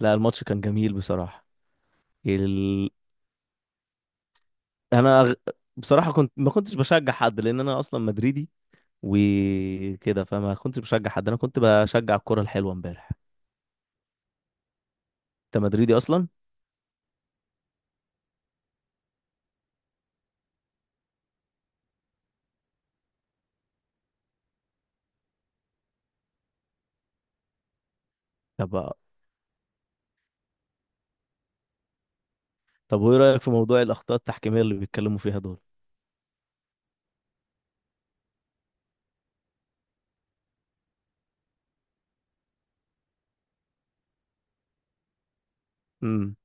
لا، الماتش كان جميل بصراحة. ال... انا أغ... بصراحة كنت ما كنتش بشجع حد لان انا اصلا مدريدي وكده، فما كنتش بشجع حد. انا كنت بشجع الكرة الحلوة امبارح. انت مدريدي اصلا. طب طب وايه رأيك في موضوع الاخطاء التحكيمية اللي بيتكلموا فيها دول؟ امم.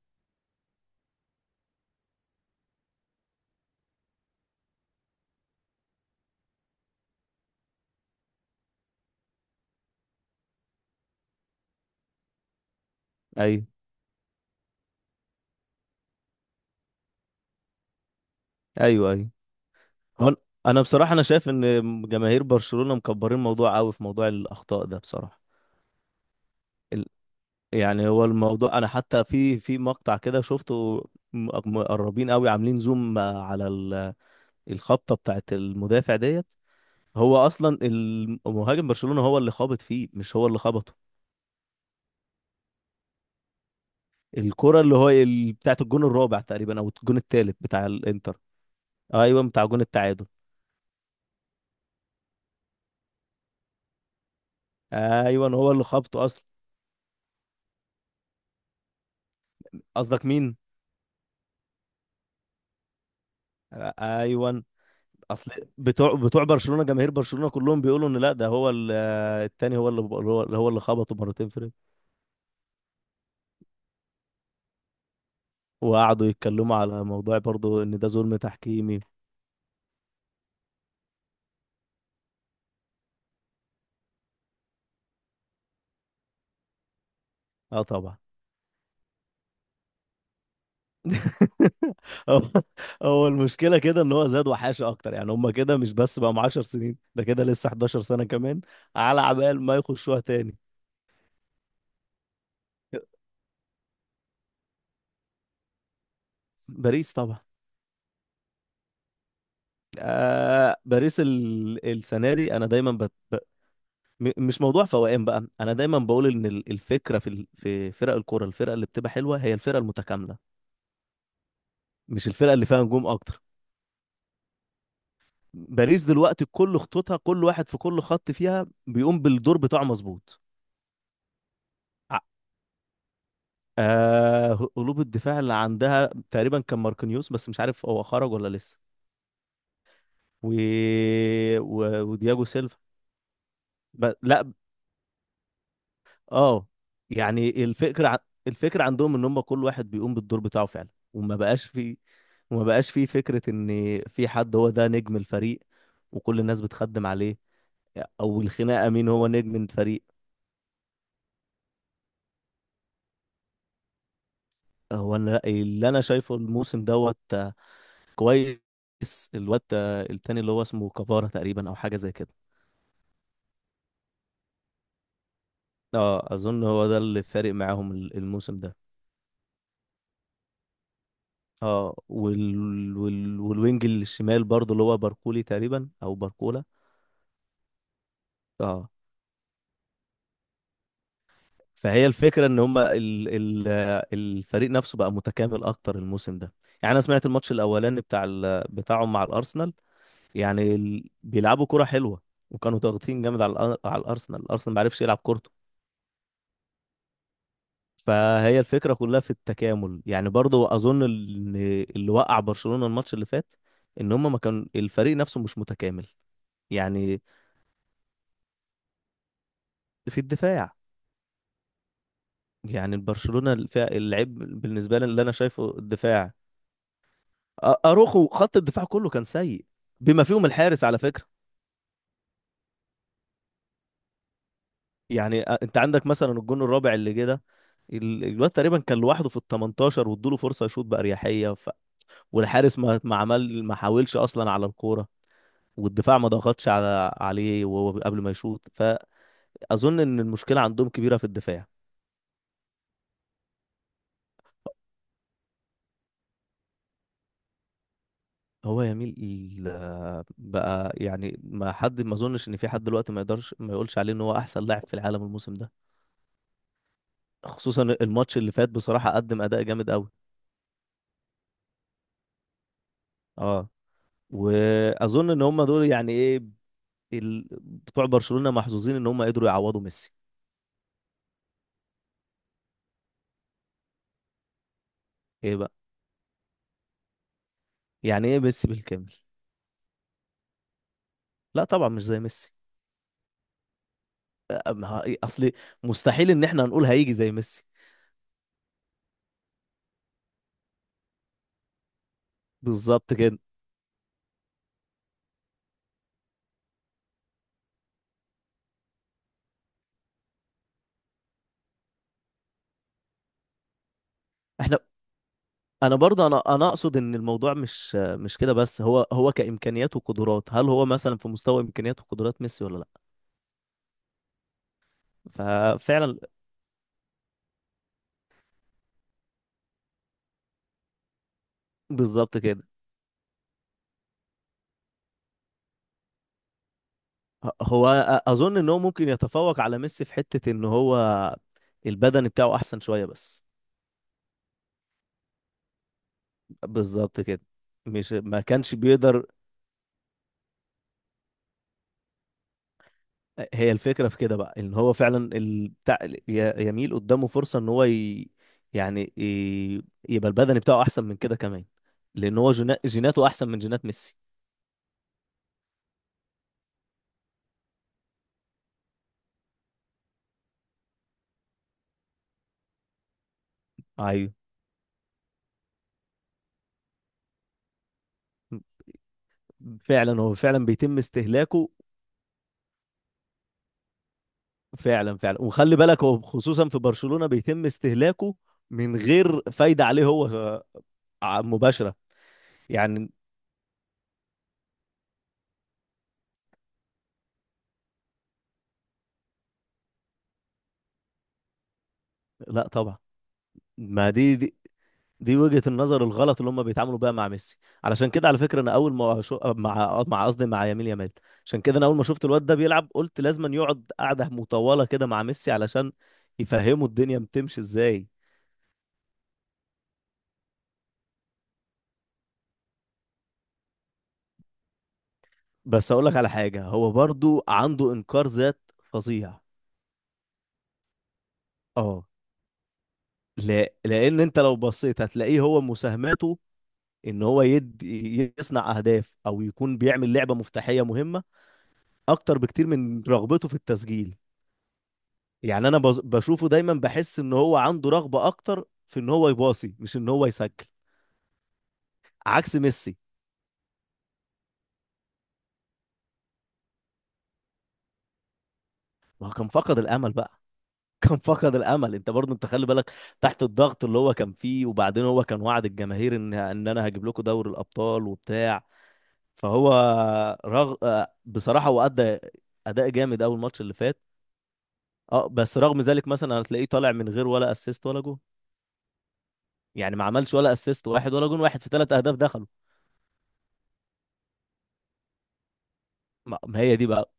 ايوه. ايوه ايوه. هو انا أنا بصراحة شايف ان جماهير برشلونة مكبرين الموضوع قوي في موضوع الاخطاء ده بصراحة. ال... يعني هو الموضوع انا حتى في مقطع كده شفته، مقربين قوي، عاملين زوم على الخبطه بتاعت المدافع ديت. هو اصلا المهاجم برشلونه هو اللي خابط فيه، مش هو اللي خبطه. الكره اللي هو بتاعت الجون الرابع تقريبا او الجون الثالث بتاع الانتر. ايوه، بتاع جون التعادل. ايوه هو اللي خبطه اصلا. قصدك مين؟ ايوه. اصل بتوع برشلونه، جماهير برشلونه كلهم بيقولوا ان لا، ده هو التاني هو اللي هو هو اللي خبطه مرتين فرق. وقعدوا يتكلموا على موضوع برضو ان ده ظلم تحكيمي. اه طبعا. هو هو المشكله كده ان هو زاد وحاشه اكتر، يعني هم كده مش بس بقى 10 سنين، ده كده لسه 11 سنه كمان على عبال ما يخشوها تاني. باريس طبعا. آه، باريس السنه دي انا دايما مش موضوع فوقان بقى. انا دايما بقول ان الفكره في في فرق الكوره، الفرقه اللي بتبقى حلوه هي الفرقه المتكامله، مش الفرقه اللي فيها نجوم اكتر. باريس دلوقتي كل خطوطها، كل واحد في كل خط فيها بيقوم بالدور بتاعه مظبوط. آه، قلوب الدفاع اللي عندها تقريبا كان ماركينيوس، بس مش عارف هو خرج ولا لسه. و... ودياجو سيلفا. لا. اه يعني الفكرة الفكرة عندهم ان هم كل واحد بيقوم بالدور بتاعه فعلا، وما بقاش في، وما بقاش في فكرة ان في حد هو ده نجم الفريق وكل الناس بتخدم عليه، او الخناقة مين هو نجم الفريق. اللي انا شايفه الموسم دوت آه، كويس. الواد آه، التاني اللي هو اسمه كفارة تقريبا او حاجة زي كده. اه اظن هو ده اللي فارق معاهم الموسم ده. اه والوينج الشمال برضو اللي هو باركولي تقريبا او باركولا. اه، فهي الفكره ان هم آه، الفريق نفسه بقى متكامل اكتر الموسم ده. يعني انا سمعت الماتش الاولاني بتاع بتاعهم مع الارسنال. يعني بيلعبوا كره حلوه، وكانوا ضاغطين جامد على على الارسنال، الارسنال ما عرفش يلعب كورته. فهي الفكرة كلها في التكامل. يعني برضو أظن إن اللي وقع برشلونة الماتش اللي فات، إن هما ما كان الفريق نفسه مش متكامل. يعني في الدفاع. يعني برشلونة العيب بالنسبة لي اللي أنا شايفه الدفاع. أروخو، خط الدفاع كله كان سيء، بما فيهم الحارس على فكرة. يعني أنت عندك مثلا الجون الرابع اللي جه ده، الواد تقريبا كان لوحده في ال 18 وادوله فرصة يشوط بأريحية، والحارس ما حاولش أصلا على الكورة، والدفاع ما ضغطش على عليه وهو قبل ما يشوط. فأظن إن المشكلة عندهم كبيرة في الدفاع. هو يميل بقى، يعني ما اظنش ان في حد دلوقتي ما يقدرش ما يقولش عليه ان هو احسن لاعب في العالم الموسم ده، خصوصا الماتش اللي فات بصراحة قدم اداء جامد قوي. اه، واظن ان هم دول يعني ايه، بتوع برشلونة محظوظين ان هم قدروا يعوضوا ميسي. ايه بقى؟ يعني ايه ميسي بالكامل؟ لا طبعا مش زي ميسي. اصل مستحيل ان احنا هنقول هيجي زي ميسي. بالظبط كده. احنا انا برضه انا اقصد ان الموضوع مش كده بس، هو هو كامكانيات وقدرات، هل هو مثلا في مستوى امكانيات وقدرات ميسي ولا لا؟ ففعلا. بالظبط كده. ه- هو اظن ان هو ممكن يتفوق على ميسي في حتة ان هو البدن بتاعه احسن شوية بس. بالظبط كده. مش ما كانش بيقدر. هي الفكرة في كده بقى، ان هو فعلا بتاع يميل قدامه فرصة ان هو يعني ي... يبقى البدن بتاعه احسن من كده كمان، لان هو جيناته احسن من جينات ميسي. ايوه. فعلا هو فعلا بيتم استهلاكه. فعلا فعلا، وخلي بالك هو خصوصا في برشلونة بيتم استهلاكه من غير فايدة عليه هو آه، مباشرة. يعني. لا طبعا. ما دي دي وجهة النظر الغلط اللي هم بيتعاملوا بيها مع ميسي. علشان كده على فكرة انا اول ما مع قصدي مع يمين يامال، عشان كده انا اول ما شفت الواد ده بيلعب قلت لازم يقعد قعدة مطولة كده مع ميسي علشان يفهموا الدنيا بتمشي ازاي. بس اقول لك على حاجة، هو برضو عنده انكار ذات فظيع. اه. لا، لان انت لو بصيت هتلاقيه هو مساهماته ان هو يدي، يصنع اهداف او يكون بيعمل لعبه مفتاحيه مهمه، اكتر بكتير من رغبته في التسجيل. يعني انا بشوفه دايما، بحس ان هو عنده رغبه اكتر في ان هو يباصي مش ان هو يسجل، عكس ميسي. ما هو كان فقد الامل بقى. كان فقد الامل. انت برضه انت خلي بالك تحت الضغط اللي هو كان فيه، وبعدين هو كان وعد الجماهير ان انا هجيب لكم دوري الابطال وبتاع. فهو آه، بصراحة هو أدى أداء جامد أول ماتش اللي فات. اه بس رغم ذلك مثلا هتلاقيه طالع من غير ولا اسيست ولا جون. يعني ما عملش ولا اسيست واحد ولا جون واحد في ثلاث أهداف دخلوا. ما هي دي بقى.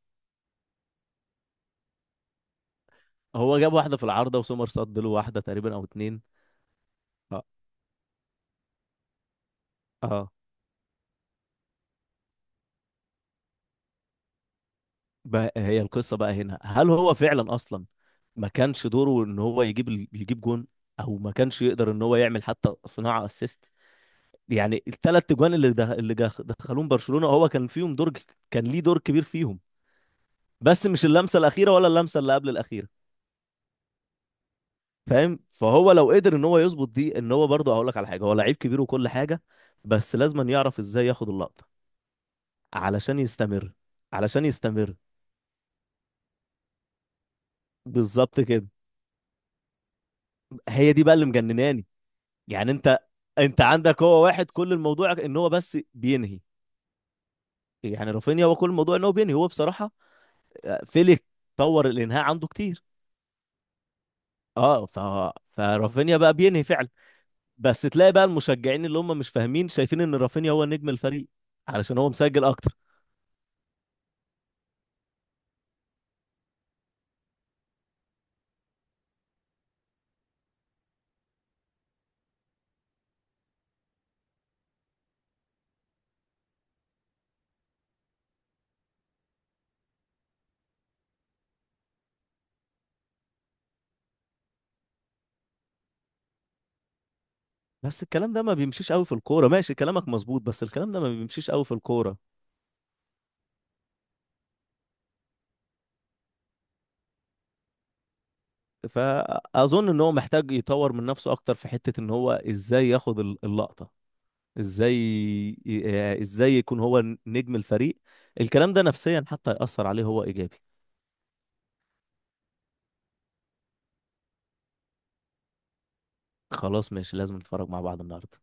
هو جاب واحدة في العارضة وسومر صد له واحدة تقريبا أو اتنين. اه. اه بقى، هي القصة بقى هنا، هل هو فعلا أصلا ما كانش دوره إن هو يجيب يجيب جون، أو ما كانش يقدر إن هو يعمل حتى صناعة اسيست؟ يعني الثلاث اجوان اللي ده اللي دخلوهم برشلونة هو كان فيهم دور كان ليه دور كبير فيهم، بس مش اللمسة الأخيرة ولا اللمسة اللي قبل الأخيرة. فاهم. فهو لو قدر ان هو يظبط دي، ان هو برضه، هقول لك على حاجة، هو لعيب كبير وكل حاجة، بس لازم أن يعرف ازاي ياخد اللقطة علشان يستمر، علشان يستمر. بالظبط كده. هي دي بقى اللي مجنناني. يعني انت انت عندك هو واحد كل الموضوع ان هو بس بينهي. يعني رافينيا هو كل الموضوع ان هو بينهي هو بصراحة آه، فيليك طور الانهاء عنده كتير. اه فرافينيا بقى بينهي فعلا، بس تلاقي بقى المشجعين اللي هم مش فاهمين شايفين ان رافينيا هو نجم الفريق علشان هو مسجل اكتر. بس الكلام ده ما بيمشيش قوي في الكوره. ماشي كلامك مظبوط، بس الكلام ده ما بيمشيش قوي في الكوره. فاظن ان هو محتاج يطور من نفسه اكتر في حته ان هو ازاي ياخد اللقطه، ازاي آه، ازاي يكون هو نجم الفريق. الكلام ده نفسيا حتى يأثر عليه هو ايجابي. خلاص ماشي، لازم نتفرج مع بعض النهارده.